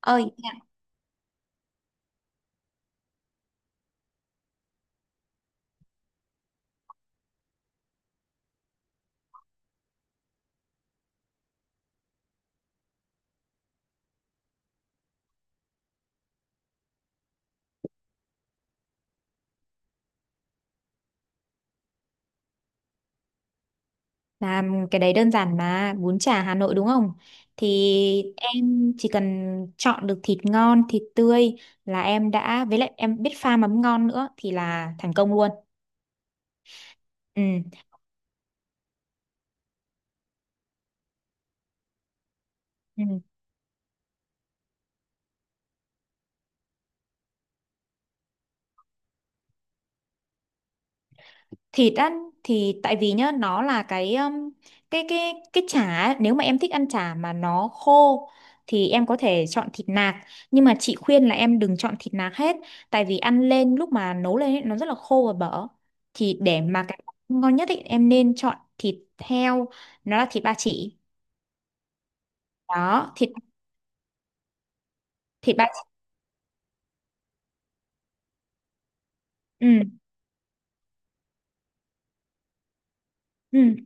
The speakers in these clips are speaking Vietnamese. Ơi, làm cái đấy đơn giản mà. Bún chả Hà Nội đúng không? Thì em chỉ cần chọn được thịt ngon, thịt tươi là em đã, với lại em biết pha mắm ngon nữa thì là thành công luôn. Ừ. Ừ. Thịt ăn thì tại vì nhá, nó là cái cái cái cái chả ấy, nếu mà em thích ăn chả mà nó khô thì em có thể chọn thịt nạc, nhưng mà chị khuyên là em đừng chọn thịt nạc hết, tại vì ăn lên lúc mà nấu lên ấy, nó rất là khô và bở. Thì để mà cái ngon nhất ấy, em nên chọn thịt heo, nó là thịt ba chỉ đó. Thịt thịt ba chỉ. Ừ, ừ.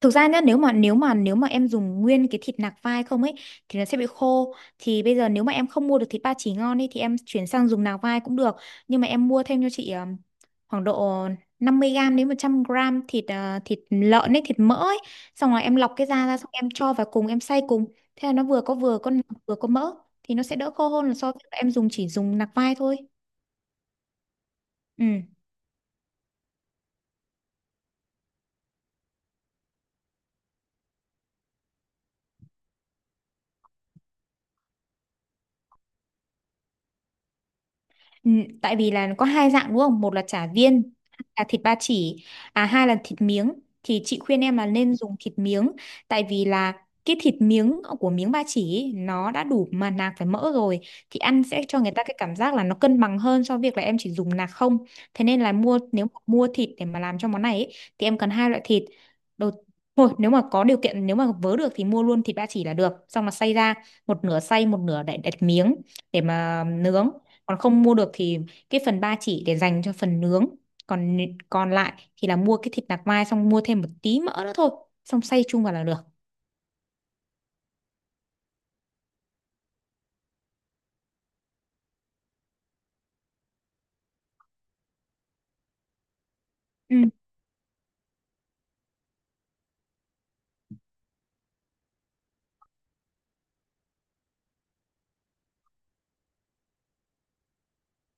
Thực ra nhá, nếu mà em dùng nguyên cái thịt nạc vai không ấy thì nó sẽ bị khô. Thì bây giờ nếu mà em không mua được thịt ba chỉ ngon ấy thì em chuyển sang dùng nạc vai cũng được. Nhưng mà em mua thêm cho chị khoảng độ 50 gram đến 100 gram thịt thịt lợn ấy, thịt mỡ ấy, xong rồi em lọc cái da ra, xong em cho vào cùng, em xay cùng. Thế là nó vừa có nạc, vừa có mỡ, thì nó sẽ đỡ khô hơn là so với em dùng chỉ dùng nạc vai thôi. Ừ. Ừ, tại vì là có hai dạng đúng không? Một là chả viên, là thịt ba chỉ, à hai là thịt miếng. Thì chị khuyên em là nên dùng thịt miếng, tại vì là cái thịt miếng của miếng ba chỉ ý, nó đã đủ mà nạc phải mỡ rồi, thì ăn sẽ cho người ta cái cảm giác là nó cân bằng hơn so với việc là em chỉ dùng nạc không. Thế nên là mua, nếu mà mua thịt để mà làm cho món này ý, thì em cần hai loại thịt. Đầu thôi, nếu mà có điều kiện, nếu mà vớ được thì mua luôn thịt ba chỉ là được, xong là xay ra một nửa, xay một nửa để đặt miếng để mà nướng. Còn không mua được thì cái phần ba chỉ để dành cho phần nướng, còn còn lại thì là mua cái thịt nạc mai, xong mua thêm một tí mỡ nữa thôi, xong xay chung vào là được. Ừ.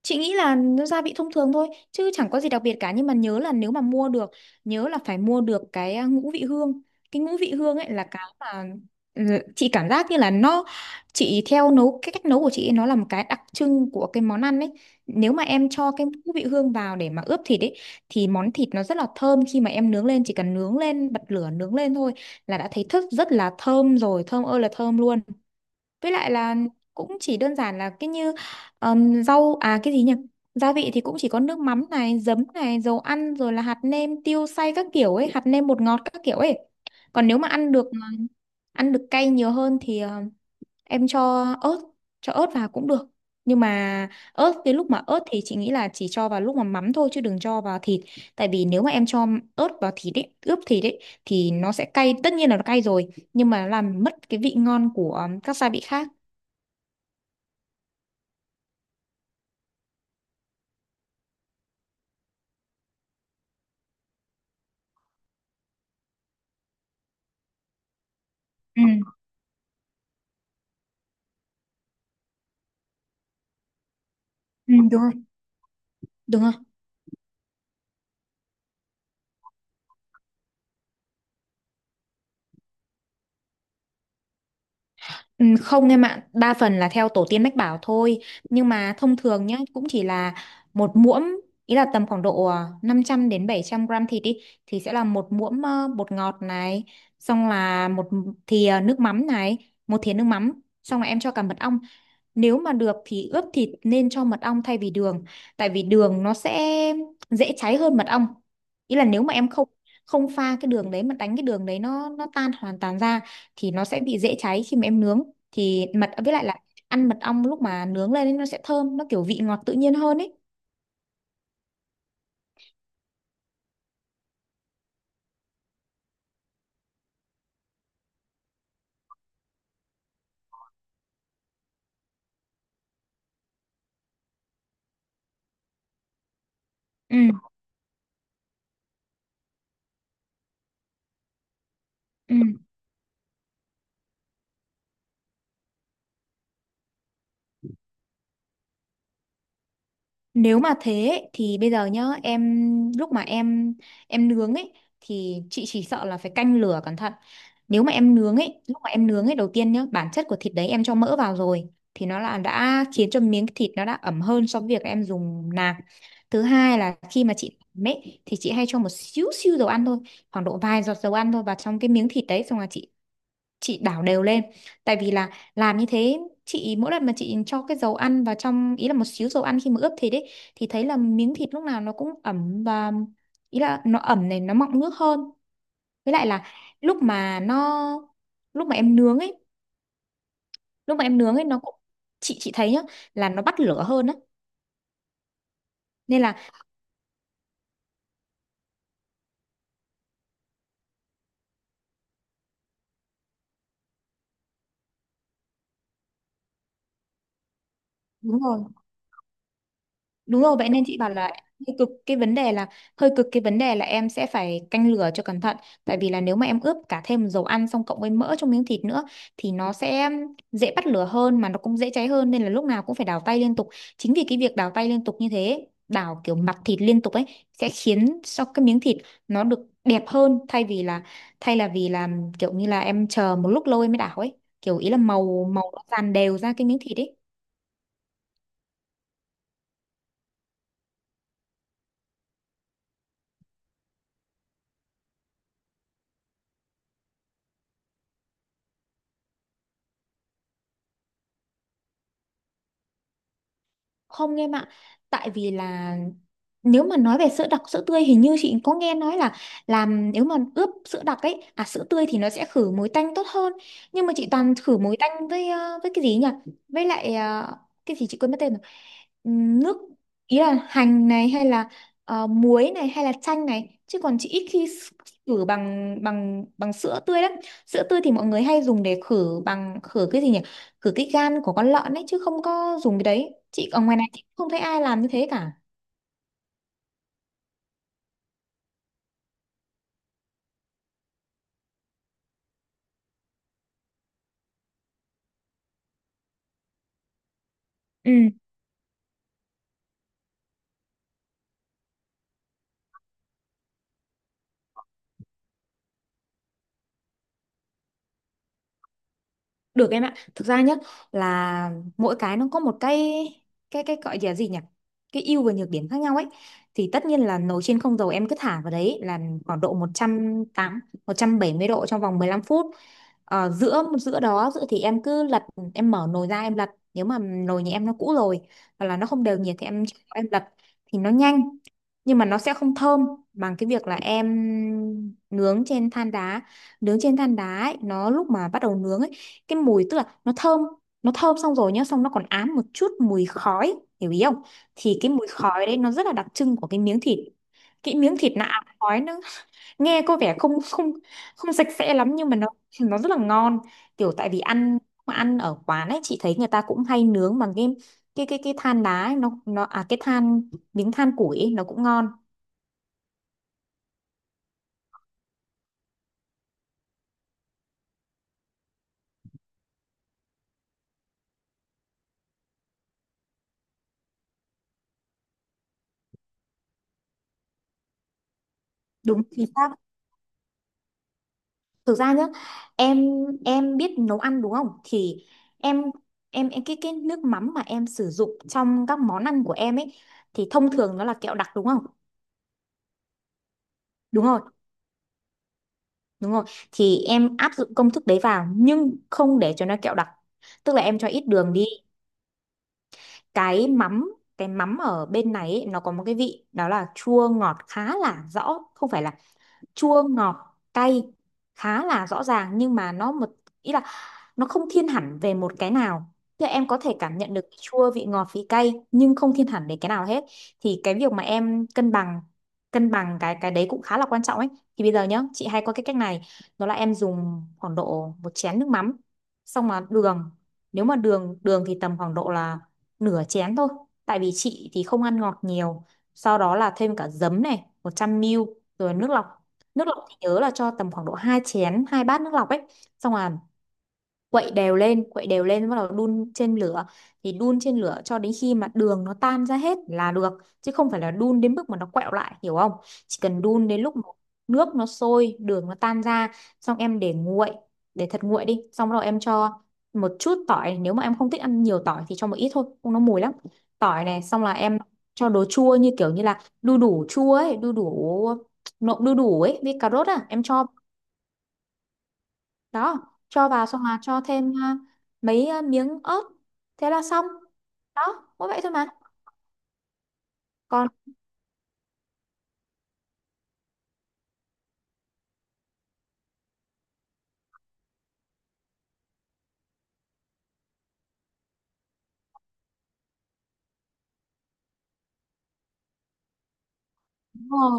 Chị nghĩ là nó gia vị thông thường thôi chứ chẳng có gì đặc biệt cả, nhưng mà nhớ là nếu mà mua được, nhớ là phải mua được cái à, ngũ vị hương. Cái ngũ vị hương ấy là cái mà ừ, chị cảm giác như là nó, chị theo nấu cái cách nấu của chị ấy, nó là một cái đặc trưng của cái món ăn ấy. Nếu mà em cho cái ngũ vị hương vào để mà ướp thịt ấy thì món thịt nó rất là thơm. Khi mà em nướng lên, chỉ cần nướng lên, bật lửa nướng lên thôi là đã thấy thức rất là thơm rồi, thơm ơi là thơm luôn. Với lại là cũng chỉ đơn giản là cái như rau à, cái gì nhỉ? Gia vị thì cũng chỉ có nước mắm này, giấm này, dầu ăn rồi là hạt nêm, tiêu xay các kiểu ấy, hạt nêm bột ngọt các kiểu ấy. Còn nếu mà ăn được ăn được cay nhiều hơn thì em cho ớt vào cũng được. Nhưng mà ớt, cái lúc mà ớt thì chị nghĩ là chỉ cho vào lúc mà mắm thôi, chứ đừng cho vào thịt. Tại vì nếu mà em cho ớt vào thịt ấy, ướp thịt ấy thì nó sẽ cay, tất nhiên là nó cay rồi, nhưng mà làm mất cái vị ngon của các gia vị khác. Ừ, ừ, đúng rồi, đúng rồi. Ừ, không em ạ, đa phần là theo tổ tiên mách bảo thôi. Nhưng mà thông thường nhá, cũng chỉ là một muỗng, ý là tầm khoảng độ à, 500 đến 700 gram thịt đi, thì sẽ là một muỗng bột ngọt này, xong là một thìa nước mắm này, một thìa nước mắm, xong là em cho cả mật ong. Nếu mà được thì ướp thịt nên cho mật ong thay vì đường, tại vì đường nó sẽ dễ cháy hơn mật ong. Ý là nếu mà em không không pha cái đường đấy, mà đánh cái đường đấy nó tan hoàn toàn ra thì nó sẽ bị dễ cháy khi mà em nướng. Thì mật với lại là ăn mật ong lúc mà nướng lên ấy, nó sẽ thơm, nó kiểu vị ngọt tự nhiên hơn ấy. Ừ, ừ. Nếu mà thế ấy, thì bây giờ nhá, em lúc mà em nướng ấy thì chị chỉ sợ là phải canh lửa cẩn thận. Nếu mà em nướng ấy, lúc mà em nướng ấy đầu tiên nhá, bản chất của thịt đấy em cho mỡ vào rồi, thì nó là đã khiến cho miếng thịt nó đã ẩm hơn so với việc em dùng nạc. Thứ hai là khi mà chị làm ấy thì chị hay cho một xíu xíu dầu ăn thôi, khoảng độ vài giọt dầu ăn thôi vào trong cái miếng thịt đấy, xong là chị đảo đều lên, tại vì là làm như thế. Chị mỗi lần mà chị cho cái dầu ăn vào trong ý là một xíu dầu ăn khi mà ướp thịt ấy thì thấy là miếng thịt lúc nào nó cũng ẩm và ý là nó ẩm này, nó mọng nước hơn. Với lại là lúc mà nó, lúc mà em nướng ấy, lúc mà em nướng ấy nó cũng, chị thấy nhá, là nó bắt lửa hơn á, nên là đúng rồi. Đúng rồi, vậy nên chị bảo là hơi cực. Cái vấn đề là hơi cực. Cái vấn đề là em sẽ phải canh lửa cho cẩn thận, tại vì là nếu mà em ướp cả thêm dầu ăn xong cộng với mỡ trong miếng thịt nữa thì nó sẽ dễ bắt lửa hơn mà nó cũng dễ cháy hơn, nên là lúc nào cũng phải đảo tay liên tục. Chính vì cái việc đảo tay liên tục như thế, đảo kiểu mặt thịt liên tục ấy, sẽ khiến cho cái miếng thịt nó được đẹp hơn, thay vì là thay là vì là kiểu như là em chờ một lúc lâu em mới đảo ấy, kiểu ý là màu màu nó dàn đều ra cái miếng thịt ấy. Không em ạ, tại vì là nếu mà nói về sữa đặc, sữa tươi, hình như chị có nghe nói là làm, nếu mà ướp sữa đặc ấy à, sữa tươi thì nó sẽ khử mùi tanh tốt hơn, nhưng mà chị toàn khử mùi tanh với với cái gì nhỉ, với lại cái gì chị quên mất tên rồi. Nước, ý là hành này hay là muối này hay là chanh này, chứ còn chị ít khi s- khử bằng bằng bằng sữa tươi lắm. Sữa tươi thì mọi người hay dùng để khử bằng, khử cái gì nhỉ, khử cái gan của con lợn ấy, chứ không có dùng cái đấy. Chị ở ngoài này chị không thấy ai làm như thế cả. Ừ. Được em ạ. Thực ra nhá, là mỗi cái nó có một cái gọi là gì nhỉ? Cái ưu và nhược điểm khác nhau ấy. Thì tất nhiên là nồi chiên không dầu em cứ thả vào đấy là khoảng độ một một trăm, trăm tám, một trăm bảy mươi độ trong vòng 15 phút. Ờ, giữa giữa đó giữa thì em cứ lật, em mở nồi ra em lật, nếu mà nồi nhà em nó cũ rồi hoặc là nó không đều nhiệt thì em lật, thì nó nhanh nhưng mà nó sẽ không thơm bằng cái việc là em nướng trên than đá. Nướng trên than đá ấy, nó lúc mà bắt đầu nướng ấy, cái mùi tức là nó thơm, nó thơm xong rồi nhá, xong nó còn ám một chút mùi khói, hiểu ý không? Thì cái mùi khói đấy nó rất là đặc trưng của cái miếng thịt. Cái miếng thịt nó ám khói, nó nghe có vẻ không không không sạch sẽ lắm, nhưng mà nó rất là ngon. Kiểu tại vì ăn, ăn ở quán ấy, chị thấy người ta cũng hay nướng bằng cái cái than đá ấy, nó à, cái than miếng, than củi ấy, nó cũng ngon. Đúng thì thực ra nhá, em em biết nấu ăn đúng không, thì em em cái nước mắm mà em sử dụng trong các món ăn của em ấy thì thông thường nó là kẹo đặc đúng không? Đúng rồi, đúng rồi, thì em áp dụng công thức đấy vào nhưng không để cho nó kẹo đặc, tức là em cho ít đường đi. Cái mắm, cái mắm ở bên này ấy, nó có một cái vị đó là chua ngọt khá là rõ, không phải là chua ngọt cay, khá là rõ ràng, nhưng mà nó một, ý là nó không thiên hẳn về một cái nào, thì em có thể cảm nhận được vị chua, vị ngọt, vị cay, nhưng không thiên hẳn đến cái nào hết. Thì cái việc mà em cân bằng, cân bằng cái đấy cũng khá là quan trọng ấy. Thì bây giờ nhá, chị hay có cái cách này, đó là em dùng khoảng độ một chén nước mắm, xong mà đường, nếu mà đường đường thì tầm khoảng độ là nửa chén thôi, tại vì chị thì không ăn ngọt nhiều. Sau đó là thêm cả giấm này, 100 ml, rồi nước lọc. Nước lọc thì nhớ là cho tầm khoảng độ 2 chén, hai bát nước lọc ấy, xong là quậy đều lên, quậy đều lên, bắt đầu đun trên lửa. Thì đun trên lửa cho đến khi mà đường nó tan ra hết là được, chứ không phải là đun đến mức mà nó quẹo lại, hiểu không? Chỉ cần đun đến lúc mà nước nó sôi, đường nó tan ra, xong em để nguội, để thật nguội đi, xong rồi em cho một chút tỏi, nếu mà em không thích ăn nhiều tỏi thì cho một ít thôi, không nó mùi lắm. Tỏi này, xong là em cho đồ chua như kiểu như là đu đủ chua ấy, đu đủ, nộm đu đủ ấy với cà rốt, à em cho đó, cho vào xong là cho thêm à, mấy à, miếng ớt, thế là xong đó, có vậy thôi mà. Còn đúng rồi,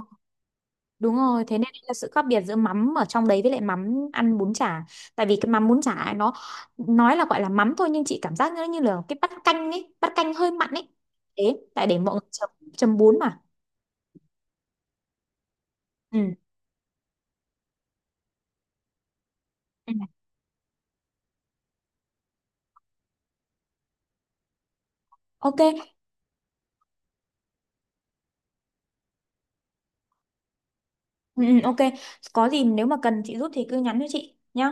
đúng rồi. Thế nên là sự khác biệt giữa mắm ở trong đấy với lại mắm ăn bún chả, tại vì cái mắm bún chả ấy, nó nói là gọi là mắm thôi nhưng chị cảm giác nó như là cái bát canh ấy, bát canh hơi mặn ấy. Thế, tại để mọi người chấm, chấm bún mà. Ừ. Ừ. ok ừ, ừ, ok có gì nếu mà cần chị giúp thì cứ nhắn cho chị nhá.